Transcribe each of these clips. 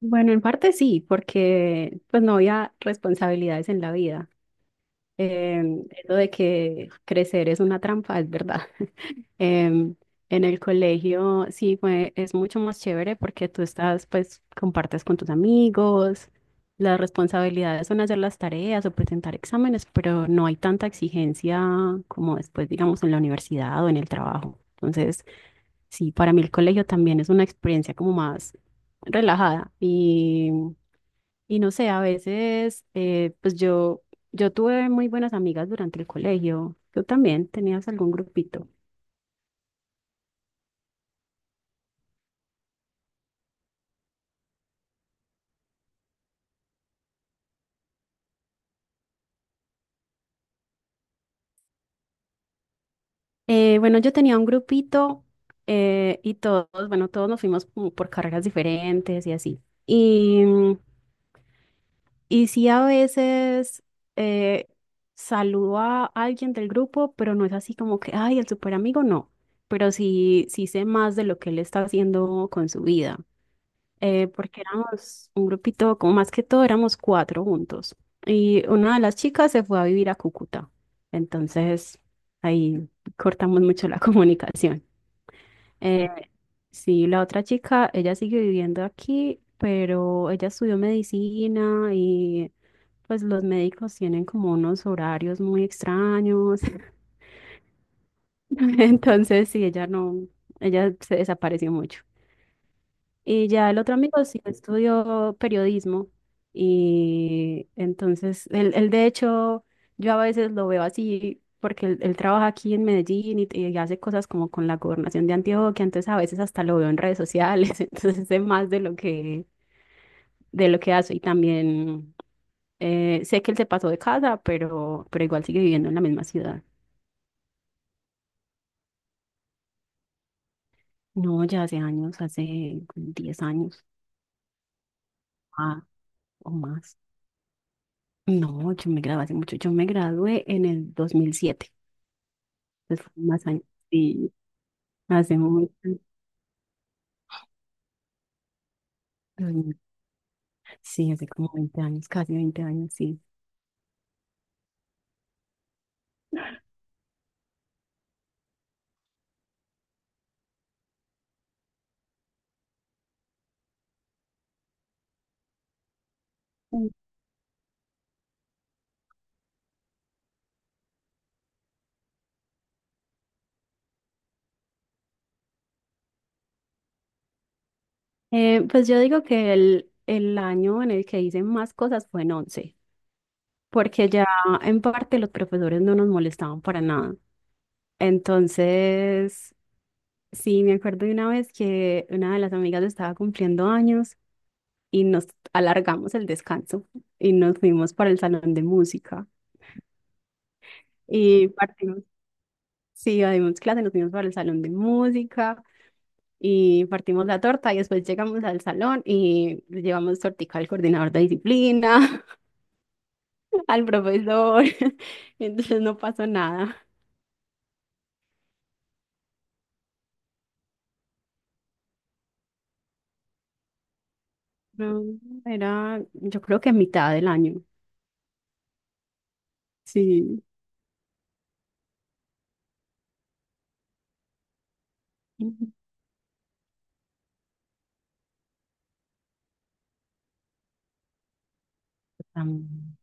Bueno, en parte sí, porque pues no había responsabilidades en la vida. Eso de que crecer es una trampa, es verdad. Em, en el colegio es mucho más chévere porque tú estás, pues, compartes con tus amigos, las responsabilidades son hacer las tareas o presentar exámenes, pero no hay tanta exigencia como después, digamos, en la universidad o en el trabajo. Entonces, sí, para mí el colegio también es una experiencia como más relajada y no sé, a veces, pues yo tuve muy buenas amigas durante el colegio. ¿Tú también tenías algún grupito? Bueno, yo tenía un grupito, y todos, bueno, todos nos fuimos como por carreras diferentes y así. Y, mm, y sí, a veces eh, saludo a alguien del grupo, pero no es así como que, ay, el super amigo, no. Pero sí, sí sé más de lo que él está haciendo con su vida. Eh, porque éramos un grupito, como más que todo éramos cuatro juntos. Y una de las chicas se fue a vivir a Cúcuta. Entonces ahí cortamos mucho la comunicación. Eh, sí, la otra chica, ella sigue viviendo aquí, pero ella estudió medicina y pues los médicos tienen como unos horarios muy extraños. Entonces sí, ella no, ella se desapareció mucho. Y ya el otro amigo sí estudió periodismo. Y entonces, él de hecho, yo a veces lo veo así, porque él trabaja aquí en Medellín y hace cosas como con la gobernación de Antioquia. Entonces, a veces hasta lo veo en redes sociales. Entonces, sé más de lo que hace. Y también sé que él se pasó de casa, pero, igual sigue viviendo en la misma ciudad. No, ya hace años, hace como 10 años, ah, o más. No, yo me gradué hace mucho. Yo me gradué en el dos mil siete. Entonces fue más años. Sí, hace mucho. Dos mil. Sí, hace como 20 años, casi 20 años, sí. Mm. Pues yo digo que el año en el que hice más cosas fue en 11, porque ya en parte los profesores no nos molestaban para nada. Entonces, sí, me acuerdo de una vez que una de las amigas estaba cumpliendo años y nos alargamos el descanso y nos fuimos para el salón de música. Y partimos, sí, dimos clase, nos fuimos para el salón de música y partimos la torta y después llegamos al salón y le llevamos tortica al coordinador de disciplina, al profesor. Entonces no pasó nada. No, era, yo creo que a mitad del año. Sí. Ujú. Am-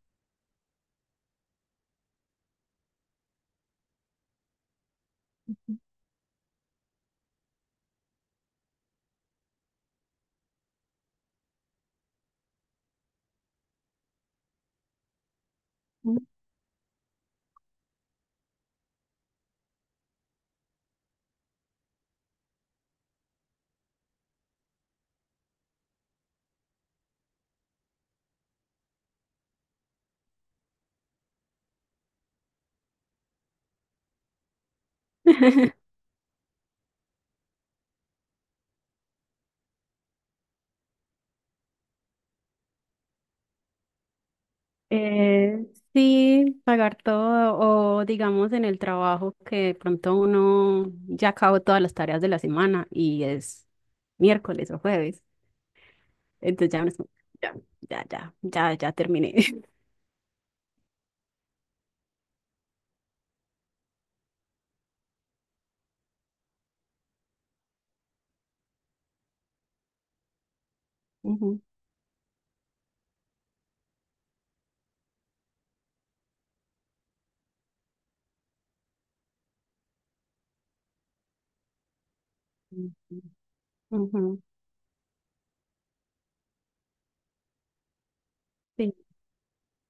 Eh, sí, pagar todo o digamos en el trabajo que de pronto uno ya acabó todas las tareas de la semana y es miércoles o jueves, entonces ya uno es como, ya, ya, ya, ya, ya terminé. Ujú, ujú. Ujú. Sí,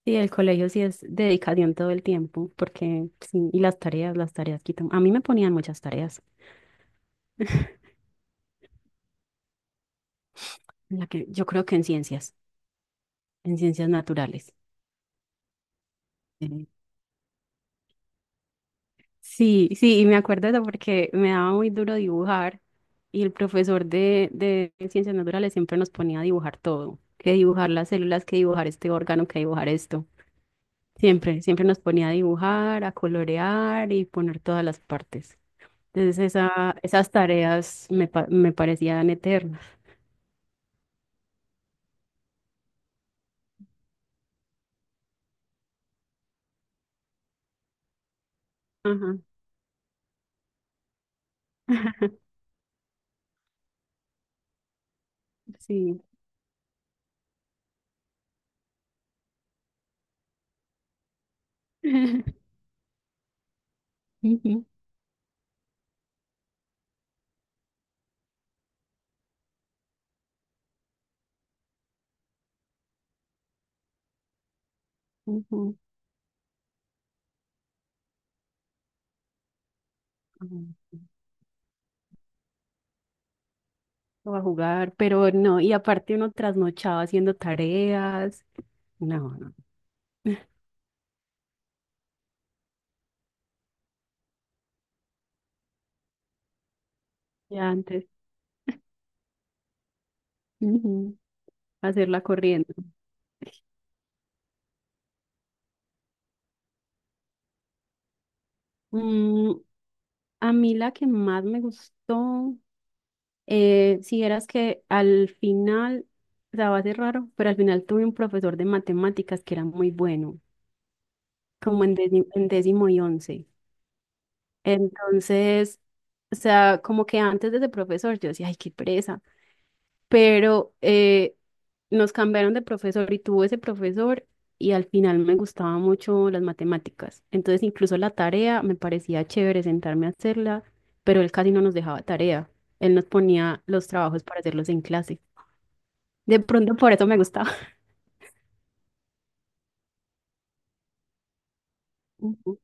sí, el colegio sí es dedicación todo el tiempo, porque sí, y las tareas quitan. A mí me ponían muchas tareas, en la que, yo creo que en ciencias naturales. Sí, sí, y me acuerdo de eso porque me daba muy duro dibujar y el profesor de ciencias naturales siempre nos ponía a dibujar todo, que dibujar las células, que dibujar este órgano, que dibujar esto. Siempre, siempre nos ponía a dibujar, a colorear y poner todas las partes. Entonces esas tareas me parecían eternas. Ajá. Sí. Ujú, ujú. O a jugar, pero no, y aparte uno trasnochaba haciendo tareas. No, no. Ya antes. Ujú. Hacerla corriendo. Mm, a mí la que más me gustó, si vieras que al final, o sea, va a ser raro, pero al final tuve un profesor de matemáticas que era muy bueno, como en décimo y once. Entonces, o sea, como que antes de ese profesor yo decía, ay, qué pereza, pero nos cambiaron de profesor y tuvo ese profesor y al final me gustaban mucho las matemáticas. Entonces incluso la tarea me parecía chévere sentarme a hacerla, pero él casi no nos dejaba tarea. Él nos ponía los trabajos para hacerlos en clase. De pronto por eso me gustaba. Ujú,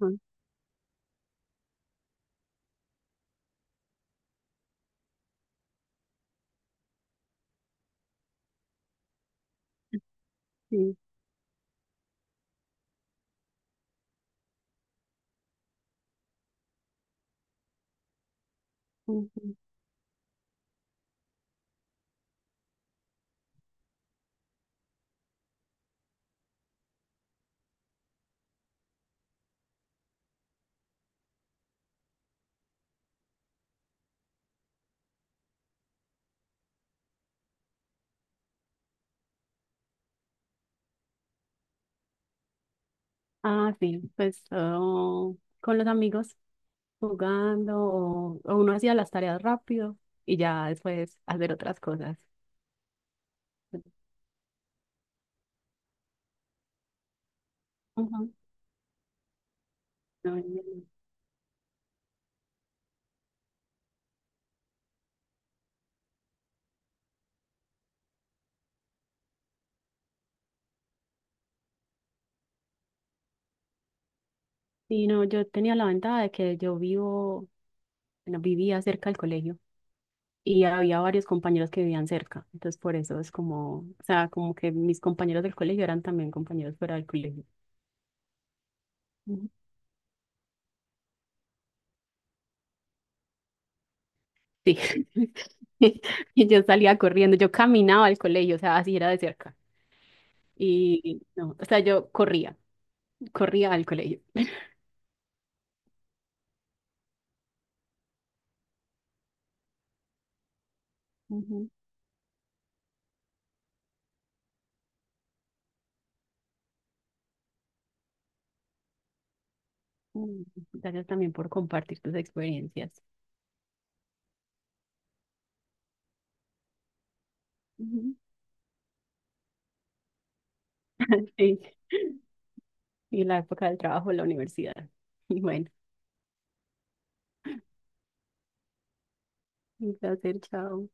ujú, sí, ujú. Ah, sí, pues oh, con los amigos jugando o uno hacía las tareas rápido y ya después hacer otras cosas. Ujú. No, no, no. Sí, no, yo tenía la ventaja de que yo vivo, bueno, vivía cerca del colegio y había varios compañeros que vivían cerca. Entonces, por eso es como, o sea, como que mis compañeros del colegio eran también compañeros fuera del colegio. Ujú. Sí. Y yo salía corriendo, yo caminaba al colegio, o sea, así era de cerca. Y no, o sea, yo corría, corría al colegio. Ujú. Mm, Gracias también por compartir tus experiencias. Ujú. Sí. Y la época del trabajo, la universidad. Bueno. Un placer, chao.